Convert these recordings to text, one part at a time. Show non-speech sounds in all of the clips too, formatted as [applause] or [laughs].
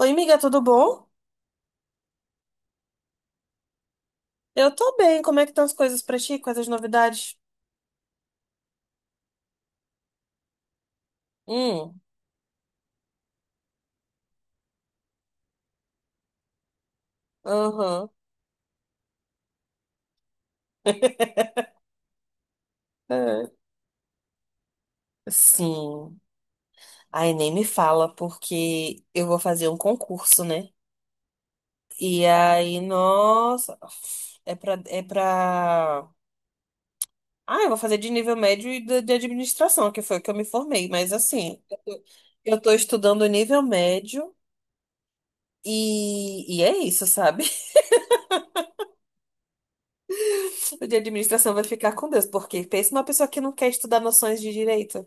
Oi, amiga, tudo bom? Eu tô bem. Como é que estão as coisas pra ti? Quais as novidades? Hum, aham. [laughs] É. Sim. Aí nem me fala, porque eu vou fazer um concurso, né? E aí, nossa, é pra, é pra... Ah, eu vou fazer de nível médio e de administração, que foi o que eu me formei. Mas assim, eu tô estudando nível médio e é isso, sabe? De administração vai ficar com Deus, porque pensa uma pessoa que não quer estudar noções de direito.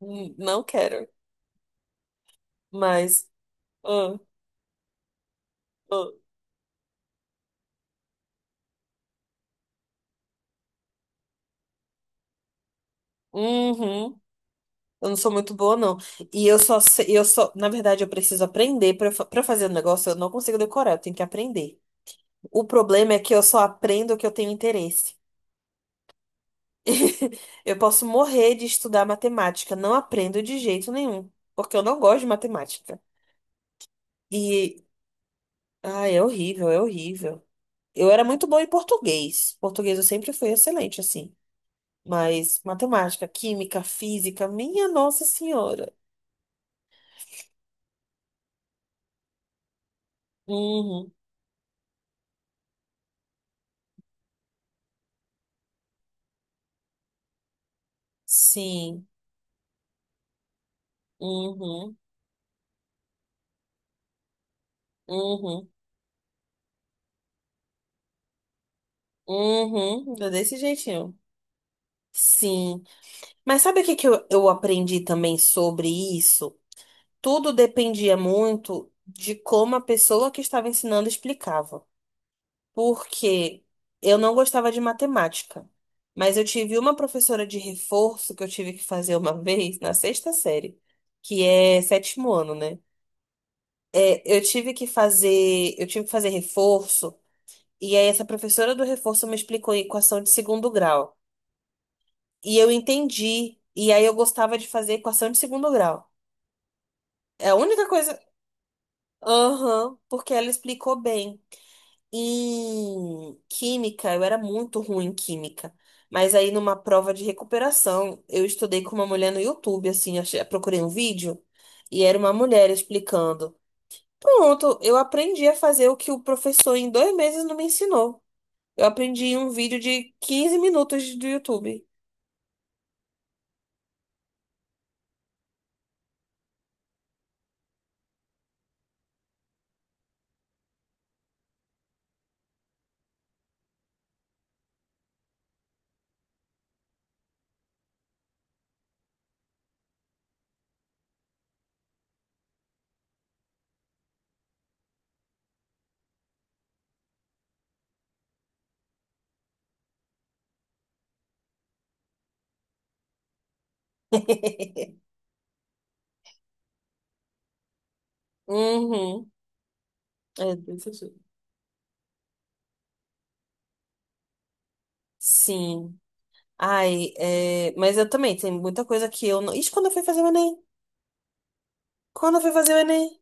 Hum. Não quero, mas. ah, ah, uhum, eu não sou muito boa, não. E eu só sei, eu só, na verdade, eu preciso aprender para fazer o negócio, eu não consigo decorar, eu tenho que aprender. O problema é que eu só aprendo o que eu tenho interesse. [laughs] Eu posso morrer de estudar matemática, não aprendo de jeito nenhum, porque eu não gosto de matemática. E, ah, é horrível, é horrível. Eu era muito boa em português. Português eu sempre fui excelente, assim. Mas matemática, química, física, minha Nossa Senhora. Uhum, sim. Uhum, uhum, uhum. É, desse jeitinho. Sim. Mas sabe o que que eu aprendi também sobre isso? Tudo dependia muito de como a pessoa que estava ensinando explicava, porque eu não gostava de matemática, mas eu tive uma professora de reforço que eu tive que fazer uma [laughs] vez na sexta série, que é sétimo ano, né? É, eu tive que fazer reforço, e aí essa professora do reforço me explicou a equação de segundo grau. E eu entendi, e aí eu gostava de fazer equação de segundo grau. É a única coisa. Aham, porque ela explicou bem. Em química, eu era muito ruim em química. Mas aí, numa prova de recuperação, eu estudei com uma mulher no YouTube, assim, procurei um vídeo e era uma mulher explicando. Pronto, eu aprendi a fazer o que o professor em 2 meses não me ensinou. Eu aprendi em um vídeo de 15 minutos do YouTube. Uhum. É, desse jeito. Sim. Ai, é, mas eu também, tem muita coisa que eu não. Isso quando eu fui fazer o Enem. Quando eu fui fazer o Enem.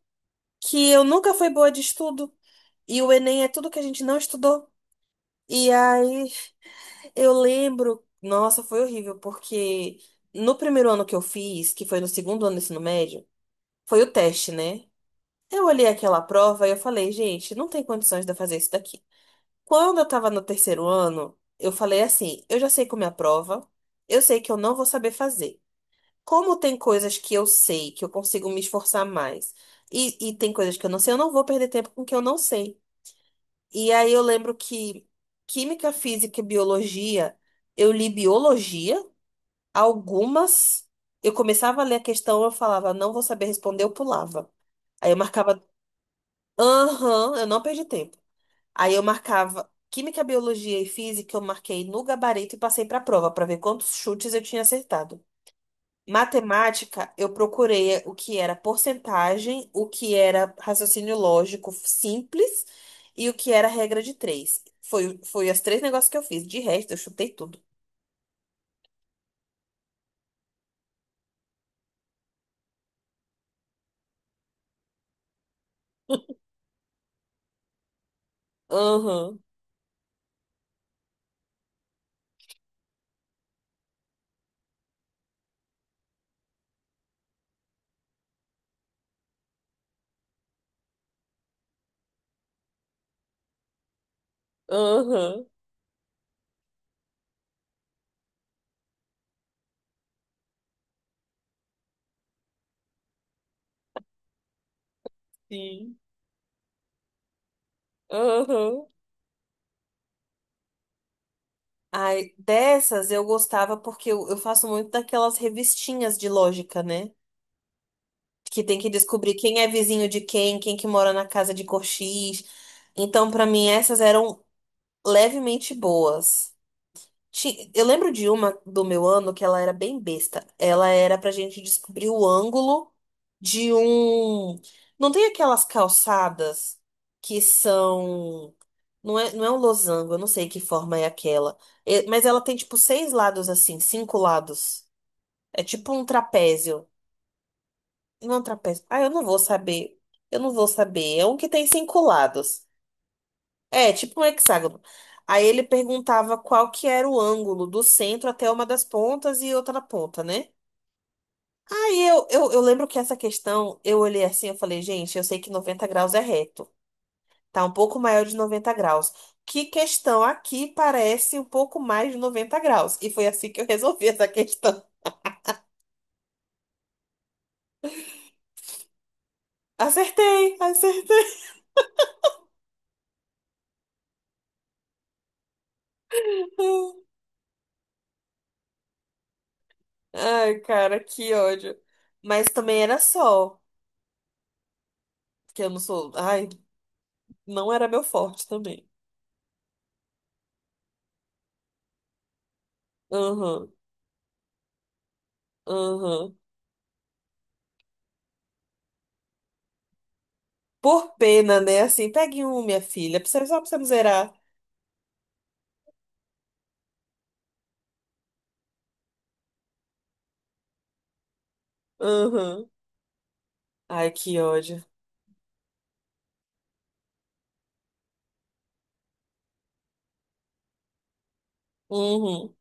Que eu nunca fui boa de estudo. E o Enem é tudo que a gente não estudou. E aí eu lembro, nossa, foi horrível, porque no primeiro ano que eu fiz, que foi no segundo ano do ensino médio, foi o teste, né? Eu olhei aquela prova e eu falei, gente, não tem condições de eu fazer isso daqui. Quando eu tava no terceiro ano, eu falei assim, eu já sei como é a prova, eu sei que eu não vou saber fazer. Como tem coisas que eu sei, que eu consigo me esforçar mais, e tem coisas que eu não sei, eu não vou perder tempo com o que eu não sei. E aí eu lembro que química, física e biologia, eu li biologia, algumas. Eu começava a ler a questão, eu falava, não vou saber responder, eu pulava. Aí eu marcava, aham, eu não perdi tempo. Aí eu marcava química, biologia e física, eu marquei no gabarito e passei para a prova para ver quantos chutes eu tinha acertado. Matemática, eu procurei o que era porcentagem, o que era raciocínio lógico simples e o que era regra de três. Foi os três negócios que eu fiz. De resto, eu chutei tudo. Aham, aham, sim, aham. Ai, dessas eu gostava porque eu faço muito daquelas revistinhas de lógica, né? Que tem que descobrir quem é vizinho de quem, quem que mora na casa de cor X. Então, pra mim, essas eram levemente boas. Eu lembro de uma do meu ano que ela era bem besta. Ela era pra gente descobrir o ângulo de um. Não tem aquelas calçadas que são. Não é, não é um losango, eu não sei que forma é aquela. É, mas ela tem tipo seis lados assim, cinco lados. É tipo um trapézio. Não é um trapézio. Ah, eu não vou saber. Eu não vou saber. É um que tem cinco lados. É, tipo um hexágono. Aí ele perguntava qual que era o ângulo do centro até uma das pontas e outra na ponta, né? Aí eu lembro que essa questão, eu olhei assim, eu falei, gente, eu sei que 90 graus é reto. Tá um pouco maior de 90 graus. Que questão aqui parece um pouco mais de 90 graus? E foi assim que eu resolvi essa questão. Acertei, acertei. [laughs] Ai, cara, que ódio. Mas também era sol, que eu não sou. Ai, não era meu forte também. Aham. Uhum. Por pena, né? Assim, pegue um, minha filha, só pra você não zerar. Uhum. Ai, que ódio. Uhum.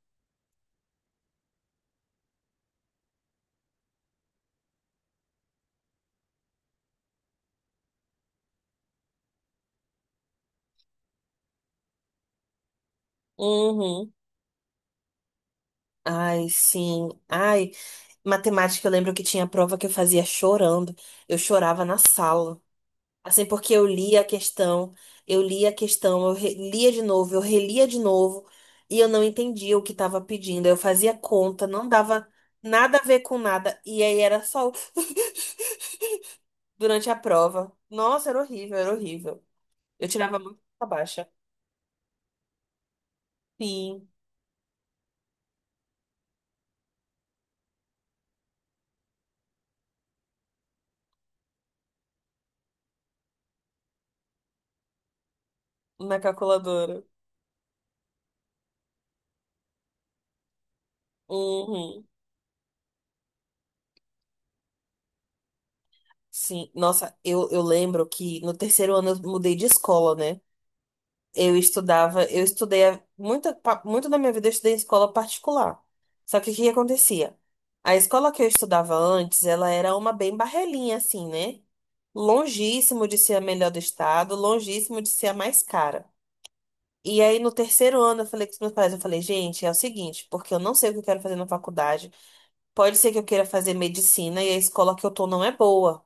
Uhum. Ai, sim. Ai, matemática, eu lembro que tinha prova que eu fazia chorando. Eu chorava na sala. Assim, porque eu lia a questão, eu re- lia de novo, eu relia de novo, e eu não entendia o que estava pedindo. Eu fazia conta, não dava nada a ver com nada, e aí era só o [laughs] durante a prova. Nossa, era horrível, era horrível. Eu tirava muito nota baixa. Sim, na calculadora. Uhum. Sim. Nossa, eu lembro que no terceiro ano eu mudei de escola, né? Eu estudava, eu estudei a- muito da minha vida eu estudei em escola particular. Só que o que acontecia? A escola que eu estudava antes, ela era uma bem barrelinha, assim, né? Longíssimo de ser a melhor do estado, longíssimo de ser a mais cara. E aí, no terceiro ano, eu falei com os meus pais, eu falei, gente, é o seguinte, porque eu não sei o que eu quero fazer na faculdade. Pode ser que eu queira fazer medicina e a escola que eu tô não é boa.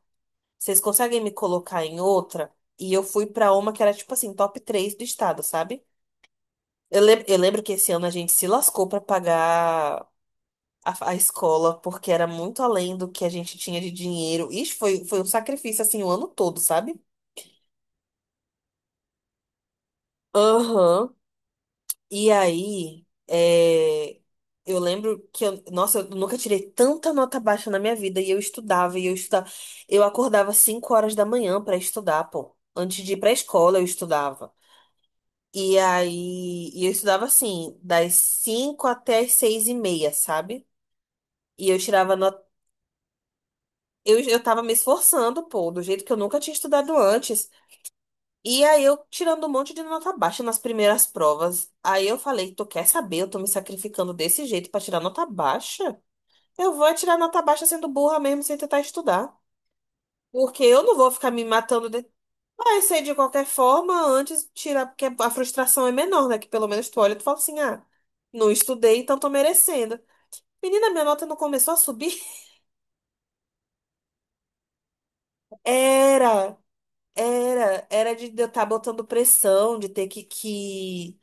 Vocês conseguem me colocar em outra? E eu fui pra uma que era tipo assim, top 3 do estado, sabe? Eu lembro que esse ano a gente se lascou pra pagar a escola, porque era muito além do que a gente tinha de dinheiro. Isso foi, foi um sacrifício assim o ano todo, sabe? Aham. E aí, é, eu lembro que eu, nossa, eu nunca tirei tanta nota baixa na minha vida e eu estudava e eu estudava. Eu acordava 5 horas da manhã pra estudar, pô. Antes de ir pra escola, eu estudava. E aí, e eu estudava assim, das 5 até as 6 e meia, sabe? E eu tirava nota. Eu tava me esforçando, pô, do jeito que eu nunca tinha estudado antes. E aí eu tirando um monte de nota baixa nas primeiras provas. Aí eu falei, tu quer saber? Eu tô me sacrificando desse jeito pra tirar nota baixa? Eu vou é tirar nota baixa sendo burra mesmo, sem tentar estudar. Porque eu não vou ficar me matando de... Vai ser de qualquer forma, antes tirar, porque a frustração é menor, né? Que pelo menos tu olha e tu fala assim, ah, não estudei, então tô merecendo. Menina, minha nota não começou a subir? [laughs] Era, era de eu estar botando pressão, de ter que, que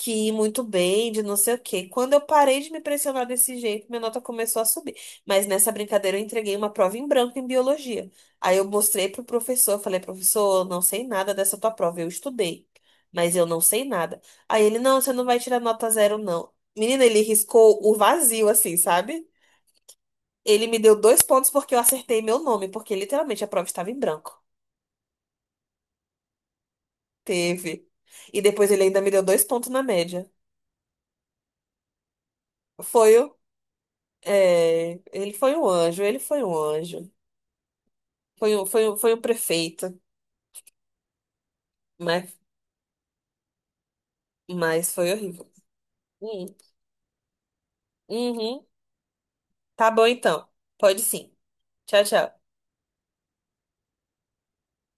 que muito bem, de não sei o quê. Quando eu parei de me pressionar desse jeito, minha nota começou a subir. Mas nessa brincadeira eu entreguei uma prova em branco em biologia. Aí eu mostrei pro professor, falei, professor, eu não sei nada dessa tua prova, eu estudei, mas eu não sei nada. Aí ele, não, você não vai tirar nota zero, não. Menina, ele riscou o vazio, assim, sabe? Ele me deu 2 pontos porque eu acertei meu nome, porque literalmente a prova estava em branco. Teve. E depois ele ainda me deu 2 pontos na média. Foi É, ele foi um anjo, ele foi um anjo. Foi o prefeito, mas, mas foi horrível. Hum, uhum. Tá bom então. Pode sim. Tchau, tchau.